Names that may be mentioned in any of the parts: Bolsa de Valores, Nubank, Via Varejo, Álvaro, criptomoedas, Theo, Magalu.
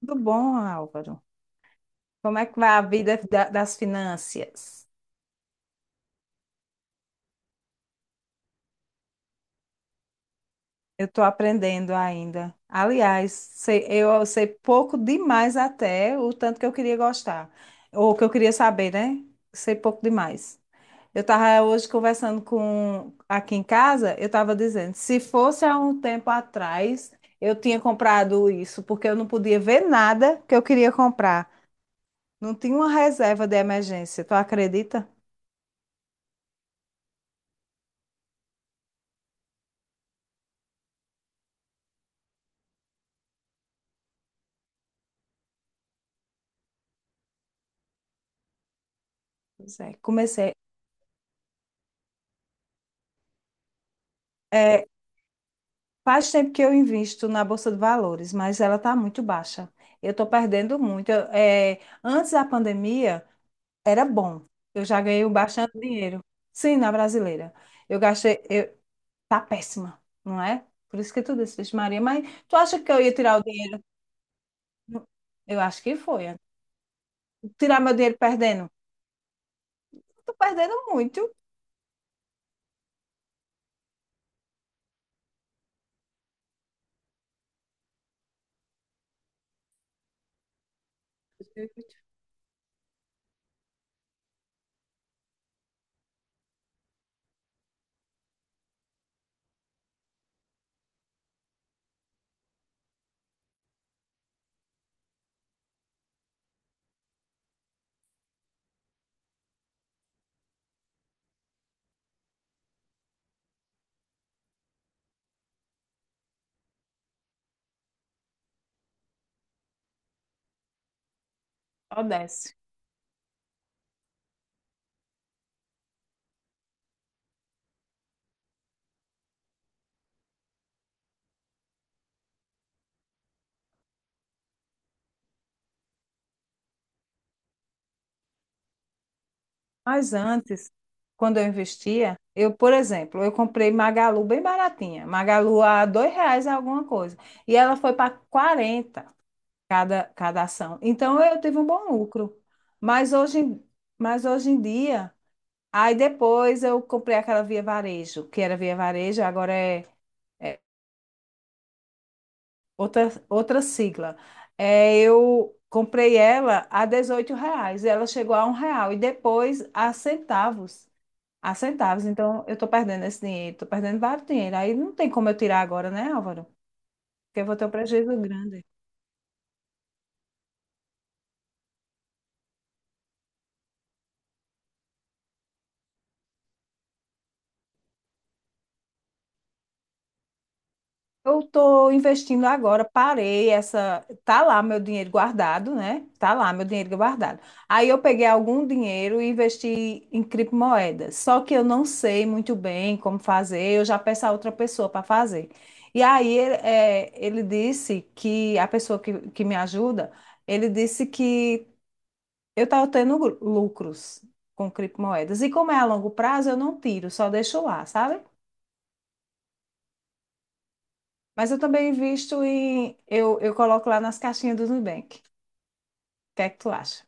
Tudo bom, Álvaro? Como é que vai a vida das finanças? Eu estou aprendendo ainda. Aliás, eu sei pouco demais até o tanto que eu queria gostar, ou que eu queria saber, né? Sei pouco demais. Eu estava hoje conversando com aqui em casa, eu estava dizendo, se fosse há um tempo atrás, eu tinha comprado isso, porque eu não podia ver nada que eu queria comprar. Não tinha uma reserva de emergência, tu acredita? Pois é, comecei. Faz tempo que eu invisto na Bolsa de Valores, mas ela está muito baixa. Eu estou perdendo muito. Antes da pandemia, era bom. Eu já ganhei bastante dinheiro. Sim, na brasileira. Eu gastei. Tá péssima, não é? Por isso que tu disse, Vixe Maria. Mas tu acha que eu ia tirar o dinheiro? Eu acho que foi, né? Tirar meu dinheiro perdendo? Estou perdendo muito. Ó, desce. Mas antes, quando eu investia, eu, por exemplo, eu comprei Magalu bem baratinha. Magalu a R$ 2 alguma coisa. E ela foi para 40 cada ação. Então eu tive um bom lucro. Mas hoje, em- mas hoje em dia, aí depois eu comprei aquela Via Varejo, que era Via Varejo, agora é outra sigla. É, eu comprei ela a R$ 18. Ela chegou a R$ 1 e depois a centavos. Então, eu estou perdendo esse dinheiro, estou perdendo vários dinheiro. Aí não tem como eu tirar agora, né, Álvaro? Porque eu vou ter um prejuízo grande. Eu estou investindo agora, parei essa. Tá lá meu dinheiro guardado, né? Tá lá meu dinheiro guardado. Aí eu peguei algum dinheiro e investi em criptomoedas. Só que eu não sei muito bem como fazer, eu já peço a outra pessoa para fazer. E aí ele disse que a pessoa que me ajuda, ele disse que eu estava tendo lucros com criptomoedas. E como é a longo prazo, eu não tiro, só deixo lá, sabe? Mas eu também invisto em. Eu coloco lá nas caixinhas do Nubank. O que é que tu acha?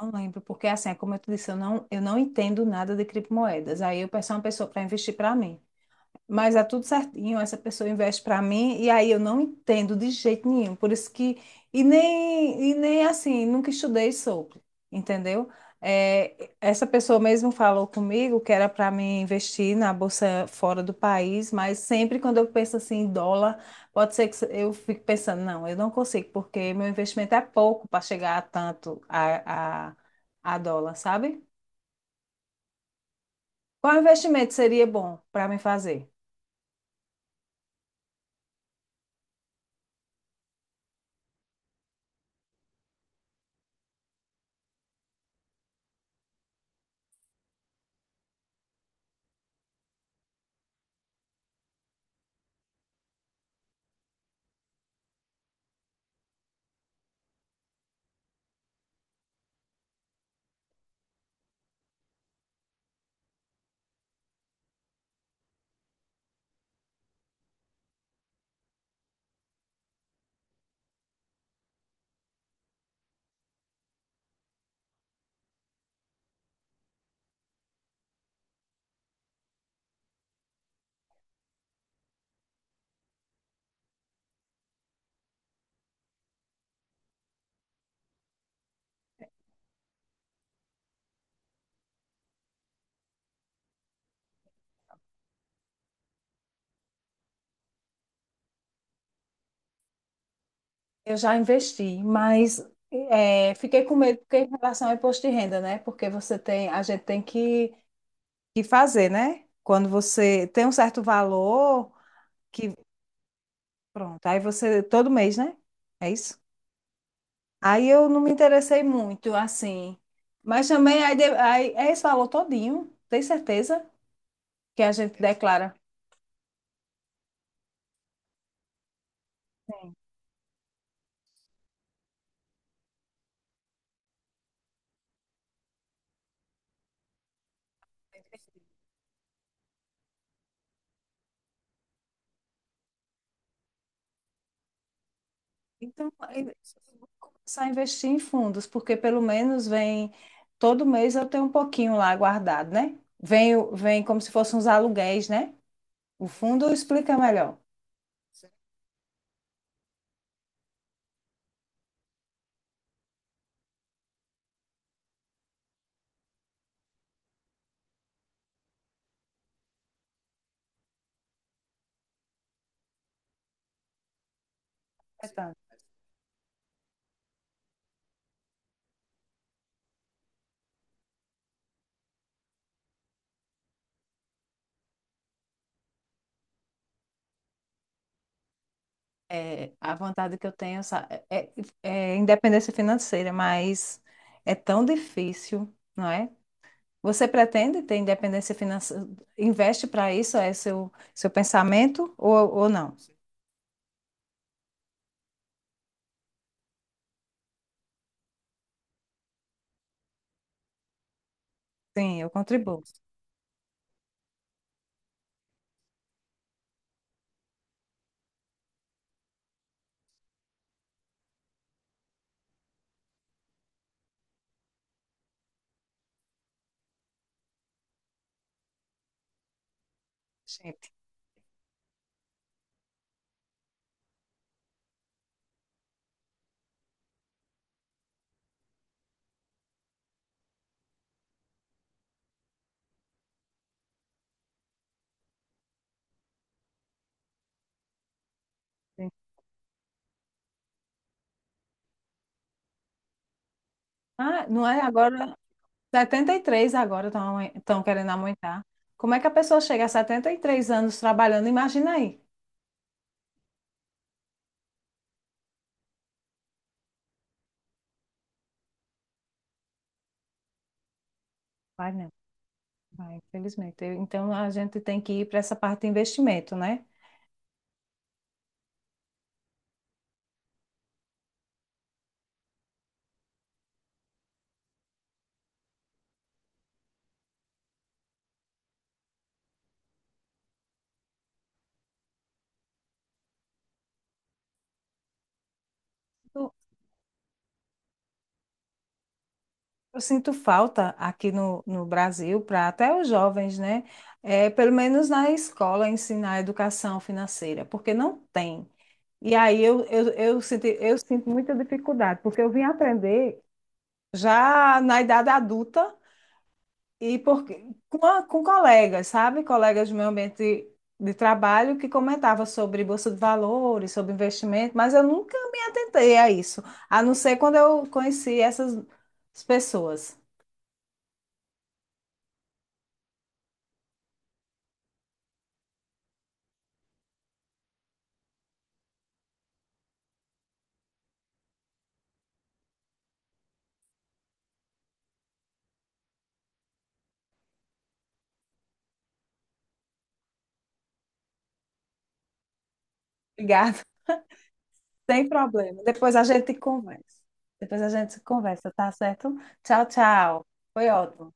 Não lembro, porque assim, é como eu te disse, eu não entendo nada de criptomoedas. Aí eu peço a uma pessoa para investir para mim. Mas é tudo certinho, essa pessoa investe para mim, e aí eu não entendo de jeito nenhum. Por isso que. E nem assim, nunca estudei sobre, entendeu? É, essa pessoa mesmo falou comigo que era para mim investir na bolsa fora do país, mas sempre quando eu penso assim em dólar, pode ser que eu fique pensando, não, eu não consigo, porque meu investimento é pouco para chegar a tanto a, dólar, sabe? Qual investimento seria bom para mim fazer? Eu já investi, mas fiquei com medo porque em relação ao imposto de renda, né? Porque você tem, a gente tem que fazer, né? Quando você tem um certo valor, que pronto, aí você todo mês, né? É isso. Aí eu não me interessei muito, assim. Mas também aí, aí é esse valor todinho, tem certeza que a gente declara. Então, eu vou começar a investir em fundos, porque pelo menos vem, todo mês eu tenho um pouquinho lá guardado, né? Vem, vem como se fossem uns aluguéis, né? O fundo explica melhor. Portanto, é, a vontade que eu tenho é independência financeira, mas é tão difícil, não é? Você pretende ter independência financeira? Investe para isso? É seu pensamento ou não? Sim, eu contribuo. Gente. Sim. Ah, não é agora? 73 agora estão querendo aumentar. Como é que a pessoa chega a 73 anos trabalhando? Imagina aí. Vai não, vai, infelizmente. Então a gente tem que ir para essa parte de investimento, né? Eu, eu sinto falta aqui no Brasil para até os jovens, né? É, pelo menos na escola ensinar educação financeira, porque não tem. E aí eu sinto muita dificuldade, porque eu vim aprender já na idade adulta. E porque, com colegas, sabe? Colegas do meu ambiente de trabalho que comentava sobre bolsa de valores, sobre investimento, mas eu nunca me atentei a isso, a não ser quando eu conheci essas pessoas. Obrigada, sem problema. Depois a gente conversa. Depois a gente conversa, tá certo? Tchau, tchau. Foi ótimo.